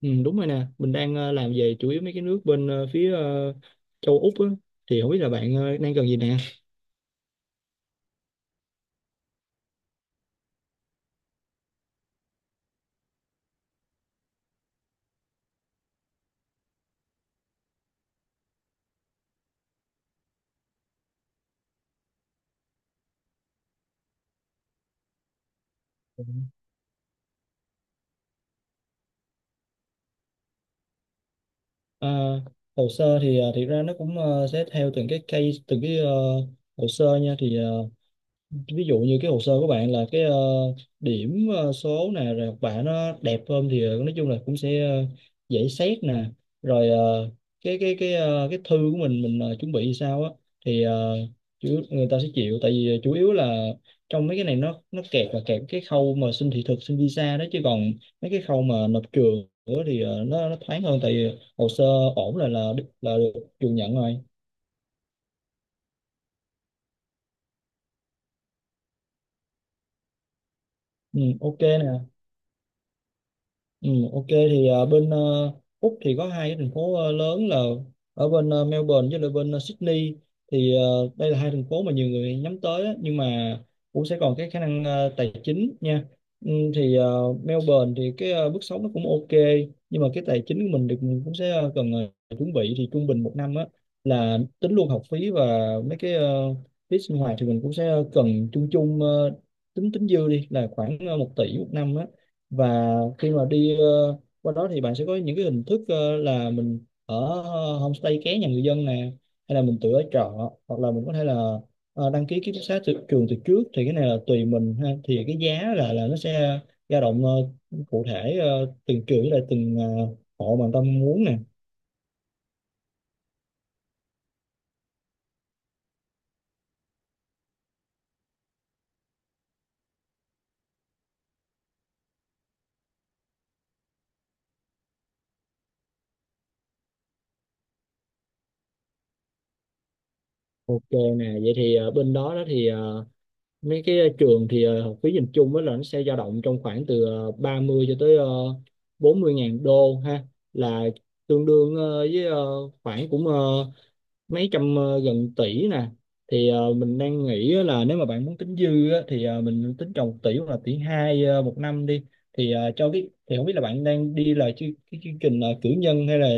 Ừ, đúng rồi nè, mình đang làm về chủ yếu mấy cái nước bên phía châu Úc á, thì không biết là bạn đang cần gì nè. Ờ, hồ sơ thì thiệt ra nó cũng sẽ theo từng cái case, từng cái hồ sơ nha, thì ví dụ như cái hồ sơ của bạn là cái điểm số nè, rồi học bạ nó đẹp hơn thì nói chung là cũng sẽ dễ xét nè. Rồi cái cái thư của mình chuẩn bị thì sao á, thì người ta sẽ chịu, tại vì chủ yếu là trong mấy cái này nó kẹt, là kẹt cái khâu mà xin thị thực xin visa đó, chứ còn mấy cái khâu mà nộp trường nữa thì nó thoáng hơn, tại vì hồ sơ ổn là được trường nhận rồi. Ừ, ok nè. Ừ, ok thì bên Úc thì có hai cái thành phố lớn là ở bên Melbourne với lại bên Sydney. Thì đây là hai thành phố mà nhiều người nhắm tới á, nhưng mà cũng sẽ còn cái khả năng tài chính nha. Ừ, thì Melbourne thì cái mức sống nó cũng ok, nhưng mà cái tài chính của mình thì mình cũng sẽ cần chuẩn bị thì trung bình một năm á là tính luôn học phí và mấy cái phí sinh hoạt thì mình cũng sẽ cần chung chung tính tính dư đi là khoảng 1 tỷ một năm á. Và khi mà đi qua đó thì bạn sẽ có những cái hình thức là mình ở homestay ké nhà người dân nè, hay là mình tự ở trọ, hoặc là mình có thể là đăng ký ký túc xá từ trường từ trước. Thì cái này là tùy mình ha, thì cái giá là nó sẽ dao động cụ thể từng trường với lại từng hộ mà người ta muốn nè. Ok nè, vậy thì bên đó đó thì mấy cái trường thì học phí nhìn chung á là nó sẽ dao động trong khoảng từ 30 cho tới 40 ngàn đô ha, là tương đương với khoảng cũng mấy trăm gần tỷ nè. Thì mình đang nghĩ á là nếu mà bạn muốn tính dư á, thì mình tính trồng 1 tỷ hoặc là tỷ hai một năm đi. Thì cho cái thì không biết là bạn đang đi là cái chương trình cử nhân hay là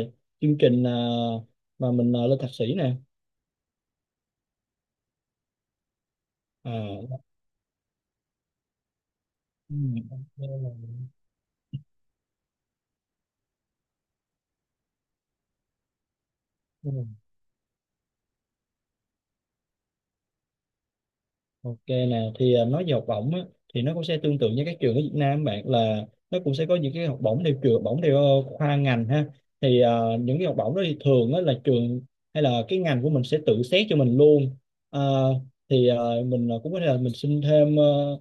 chương trình mà mình lên thạc sĩ nè. À. Ừ. Ừ. Ok nè, thì à, nói về học bổng á, thì nó cũng sẽ tương tự như các trường ở Việt Nam, bạn, là nó cũng sẽ có những cái học bổng theo trường, học bổng theo khoa ngành ha. Thì à, những cái học bổng đó thì thường á, là trường hay là cái ngành của mình sẽ tự xét cho mình luôn. À, thì à, mình à, cũng có thể là mình xin thêm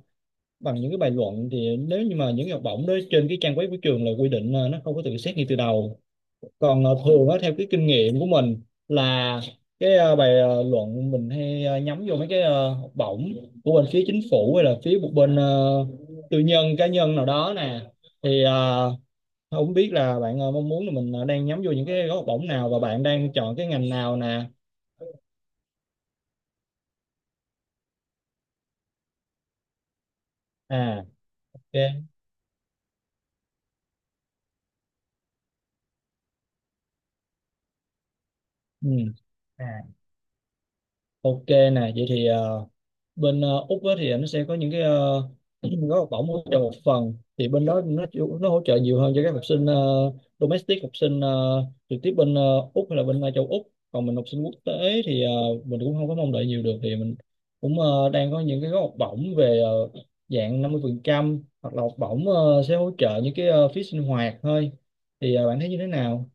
bằng những cái bài luận, thì nếu như mà những cái học bổng đó trên cái trang web của trường là quy định là nó không có tự xét ngay từ đầu. Còn thường á, theo cái kinh nghiệm của mình, là cái bài luận mình hay nhắm vô mấy cái học bổng của bên phía chính phủ hay là phía một bên tư nhân cá nhân nào đó nè. Thì không biết là bạn mong muốn là mình đang nhắm vô những cái gói học bổng nào, và bạn đang chọn cái ngành nào nè. À, ok. Ừ. À, ok nè, vậy thì bên Úc á thì nó sẽ có những cái gói học bổng hỗ trợ một phần, thì bên đó nó nó hỗ trợ nhiều hơn cho các học sinh domestic, học sinh trực tiếp bên Úc hay là bên châu Úc. Còn mình học sinh quốc tế thì mình cũng không có mong đợi nhiều được, thì mình cũng đang có những cái gói học bổng về dạng 50% hoặc là học bổng sẽ hỗ trợ những cái phí sinh hoạt thôi. Thì bạn thấy như thế nào?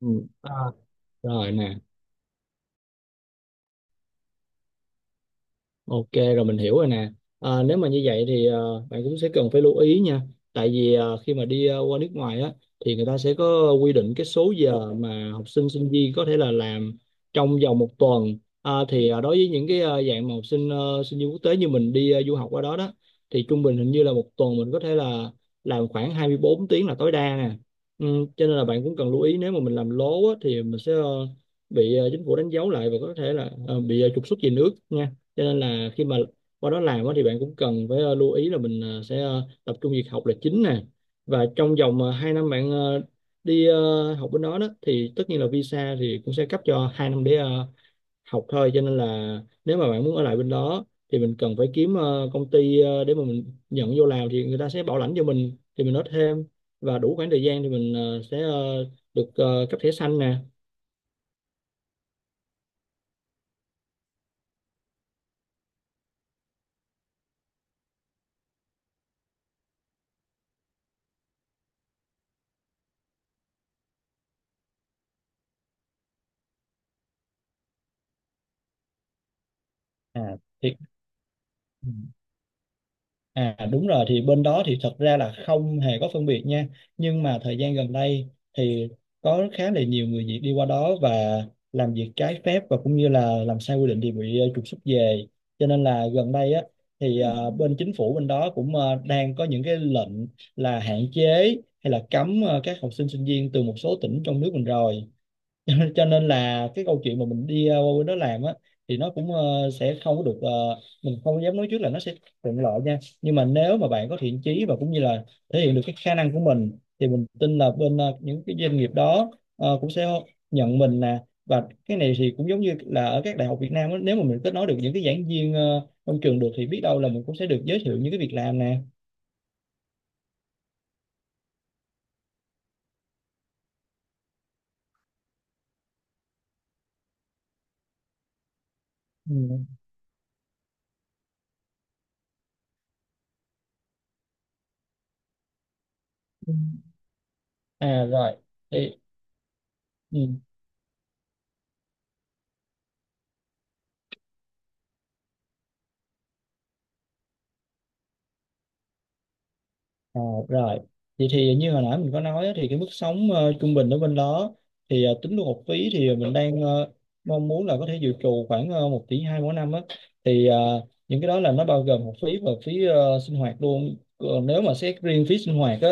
Ừ. À, rồi nè. Ok, rồi mình hiểu rồi nè. À, nếu mà như vậy thì bạn cũng sẽ cần phải lưu ý nha. Tại vì khi mà đi qua nước ngoài á thì người ta sẽ có quy định cái số giờ mà học sinh sinh viên có thể là làm trong vòng một tuần. À, thì đối với những cái dạng mà học sinh sinh viên quốc tế như mình đi du học qua đó đó thì trung bình hình như là một tuần mình có thể là làm khoảng 24 tiếng là tối đa nè. Ừ, cho nên là bạn cũng cần lưu ý, nếu mà mình làm lố á thì mình sẽ bị chính phủ đánh dấu lại và có thể là bị trục xuất về nước nha. Cho nên là khi mà qua đó làm á thì bạn cũng cần phải lưu ý là mình sẽ tập trung việc học là chính nè. Và trong vòng 2 năm bạn đi học bên đó đó thì tất nhiên là visa thì cũng sẽ cấp cho 2 năm để học thôi. Cho nên là nếu mà bạn muốn ở lại bên đó thì mình cần phải kiếm công ty để mà mình nhận vô làm, thì người ta sẽ bảo lãnh cho mình, thì mình nói thêm và đủ khoảng thời gian thì mình sẽ được cấp thẻ xanh nè. À, thì À, đúng rồi, thì bên đó thì thật ra là không hề có phân biệt nha, nhưng mà thời gian gần đây thì có khá là nhiều người Việt đi qua đó và làm việc trái phép và cũng như là làm sai quy định thì bị trục xuất về. Cho nên là gần đây á thì bên chính phủ bên đó cũng đang có những cái lệnh là hạn chế hay là cấm các học sinh sinh viên từ một số tỉnh trong nước mình rồi. Cho nên là cái câu chuyện mà mình đi qua bên đó làm á thì nó cũng sẽ không có được, mình không dám nói trước là nó sẽ thuận lợi nha. Nhưng mà nếu mà bạn có thiện chí và cũng như là thể hiện được cái khả năng của mình thì mình tin là bên những cái doanh nghiệp đó cũng sẽ nhận mình nè. Và cái này thì cũng giống như là ở các đại học Việt Nam á, nếu mà mình kết nối được những cái giảng viên trong trường được thì biết đâu là mình cũng sẽ được giới thiệu những cái việc làm nè. Ừ. Ừ. À, rồi thì. Ừ. Ờ, rồi vậy thì như hồi nãy mình có nói á, thì cái mức sống trung bình ở bên đó thì tính luôn học phí thì mình đang mong muốn là có thể dự trù khoảng 1 tỷ hai mỗi năm á. Thì những cái đó là nó bao gồm học phí và phí sinh hoạt luôn. Còn nếu mà xét riêng phí sinh hoạt á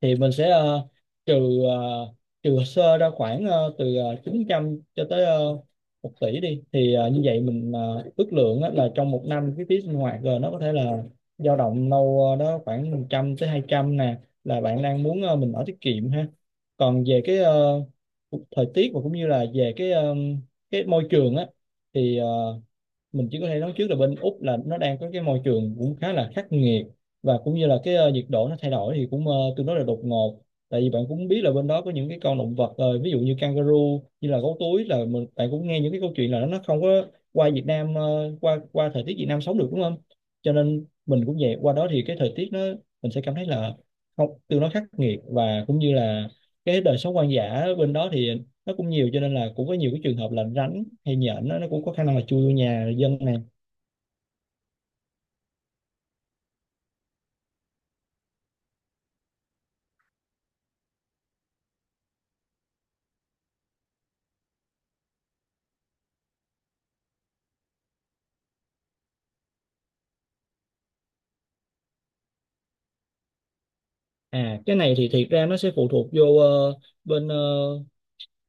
thì mình sẽ trừ ờ, trừ sơ ra khoảng từ 900 cho tới 1 tỷ đi. Thì như vậy mình ước lượng á, là trong một năm cái phí sinh hoạt rồi nó có thể là dao động đâu đó khoảng 100 tới 200 nè, là bạn đang muốn mình ở tiết kiệm ha. Còn về cái thời tiết và cũng như là về cái cái môi trường á thì mình chỉ có thể nói trước là bên Úc là nó đang có cái môi trường cũng khá là khắc nghiệt, và cũng như là cái nhiệt độ nó thay đổi thì cũng tương đối là đột ngột. Tại vì bạn cũng biết là bên đó có những cái con động vật ví dụ như kangaroo, như là gấu túi, là mình bạn cũng nghe những cái câu chuyện là nó không có qua Việt Nam qua qua thời tiết Việt Nam sống được đúng không. Cho nên mình cũng vậy, qua đó thì cái thời tiết nó mình sẽ cảm thấy là không tương đối khắc nghiệt, và cũng như là cái đời sống hoang dã bên đó thì nó cũng nhiều, cho nên là cũng có nhiều cái trường hợp là rắn hay nhện nó cũng có khả năng là chui vô nhà dân này. À, cái này thì thiệt ra nó sẽ phụ thuộc vô bên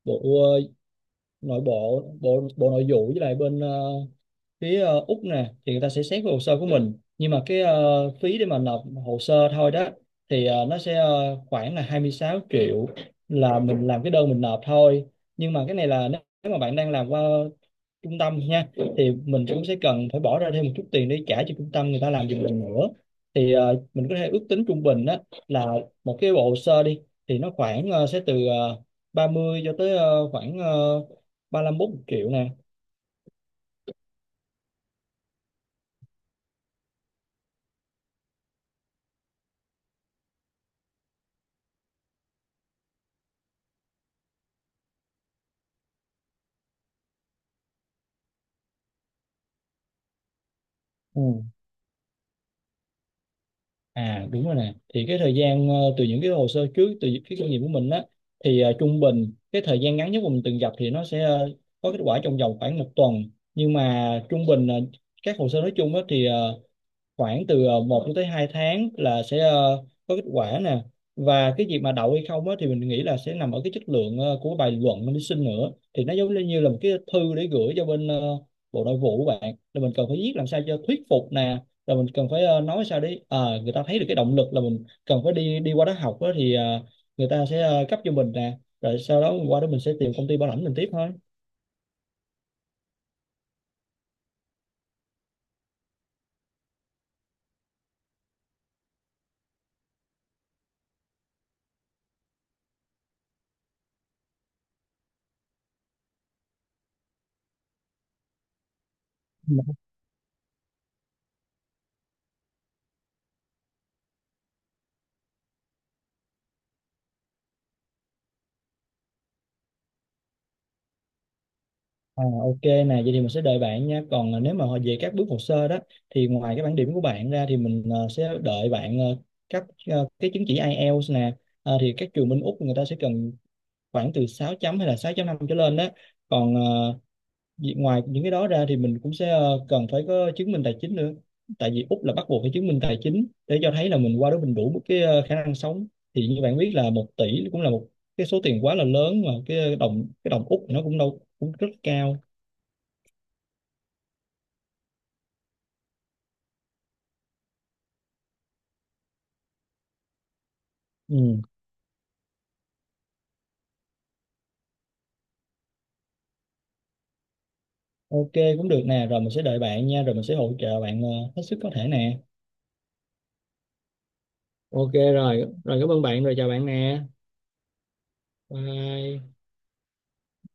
bộ ờ, nội bộ bộ bộ nội vụ, với lại bên phía Úc nè, thì người ta sẽ xét cái hồ sơ của mình. Nhưng mà cái phí để mà nộp hồ sơ thôi đó thì nó sẽ khoảng là 26 triệu, là mình làm cái đơn mình nộp thôi. Nhưng mà cái này là nếu nếu mà bạn đang làm qua trung tâm nha, thì mình cũng sẽ cần phải bỏ ra thêm một chút tiền để trả cho trung tâm người ta làm giùm mình nữa. Thì mình có thể ước tính trung bình á, là một cái bộ hồ sơ đi thì nó khoảng sẽ từ 30 cho tới khoảng ba lăm bốn triệu nè. Ừ. À, đúng rồi nè, thì cái thời gian từ những cái hồ sơ trước, từ những cái kinh nghiệm của mình á, thì trung bình cái thời gian ngắn nhất mà mình từng gặp thì nó sẽ có kết quả trong vòng khoảng một tuần. Nhưng mà trung bình các hồ sơ nói chung á thì khoảng từ 1 cho tới 2 tháng là sẽ có kết quả nè. Và cái việc mà đậu hay không á, thì mình nghĩ là sẽ nằm ở cái chất lượng của bài luận mình đi xin nữa. Thì nó giống như là một cái thư để gửi cho bên bộ nội vụ của bạn, là mình cần phải viết làm sao cho thuyết phục nè, rồi mình cần phải nói sao để người ta thấy được cái động lực là mình cần phải đi đi qua đó học á, thì người ta sẽ cấp cho mình nè, rồi sau đó qua đó mình sẽ tìm công ty bảo lãnh mình tiếp thôi. À, ok nè, vậy thì mình sẽ đợi bạn nha. Còn à, nếu mà về các bước hồ sơ đó thì ngoài cái bản điểm của bạn ra thì mình à, sẽ đợi bạn à, các à, cái chứng chỉ IELTS nè. À, thì các trường bên Úc người ta sẽ cần khoảng từ 6.0 hay là 6.5 trở lên đó. Còn à, ngoài những cái đó ra thì mình cũng sẽ à, cần phải có chứng minh tài chính nữa. Tại vì Úc là bắt buộc phải chứng minh tài chính để cho thấy là mình qua đó mình đủ một cái à, khả năng sống. Thì như bạn biết là 1 tỷ cũng là một cái số tiền quá là lớn, mà cái đồng Úc nó cũng đâu cũng rất cao. Ừ. Ok, cũng được nè, rồi mình sẽ đợi bạn nha, rồi mình sẽ hỗ trợ bạn hết sức có thể nè. Ok rồi, rồi cảm ơn bạn, rồi chào bạn nè. Bye.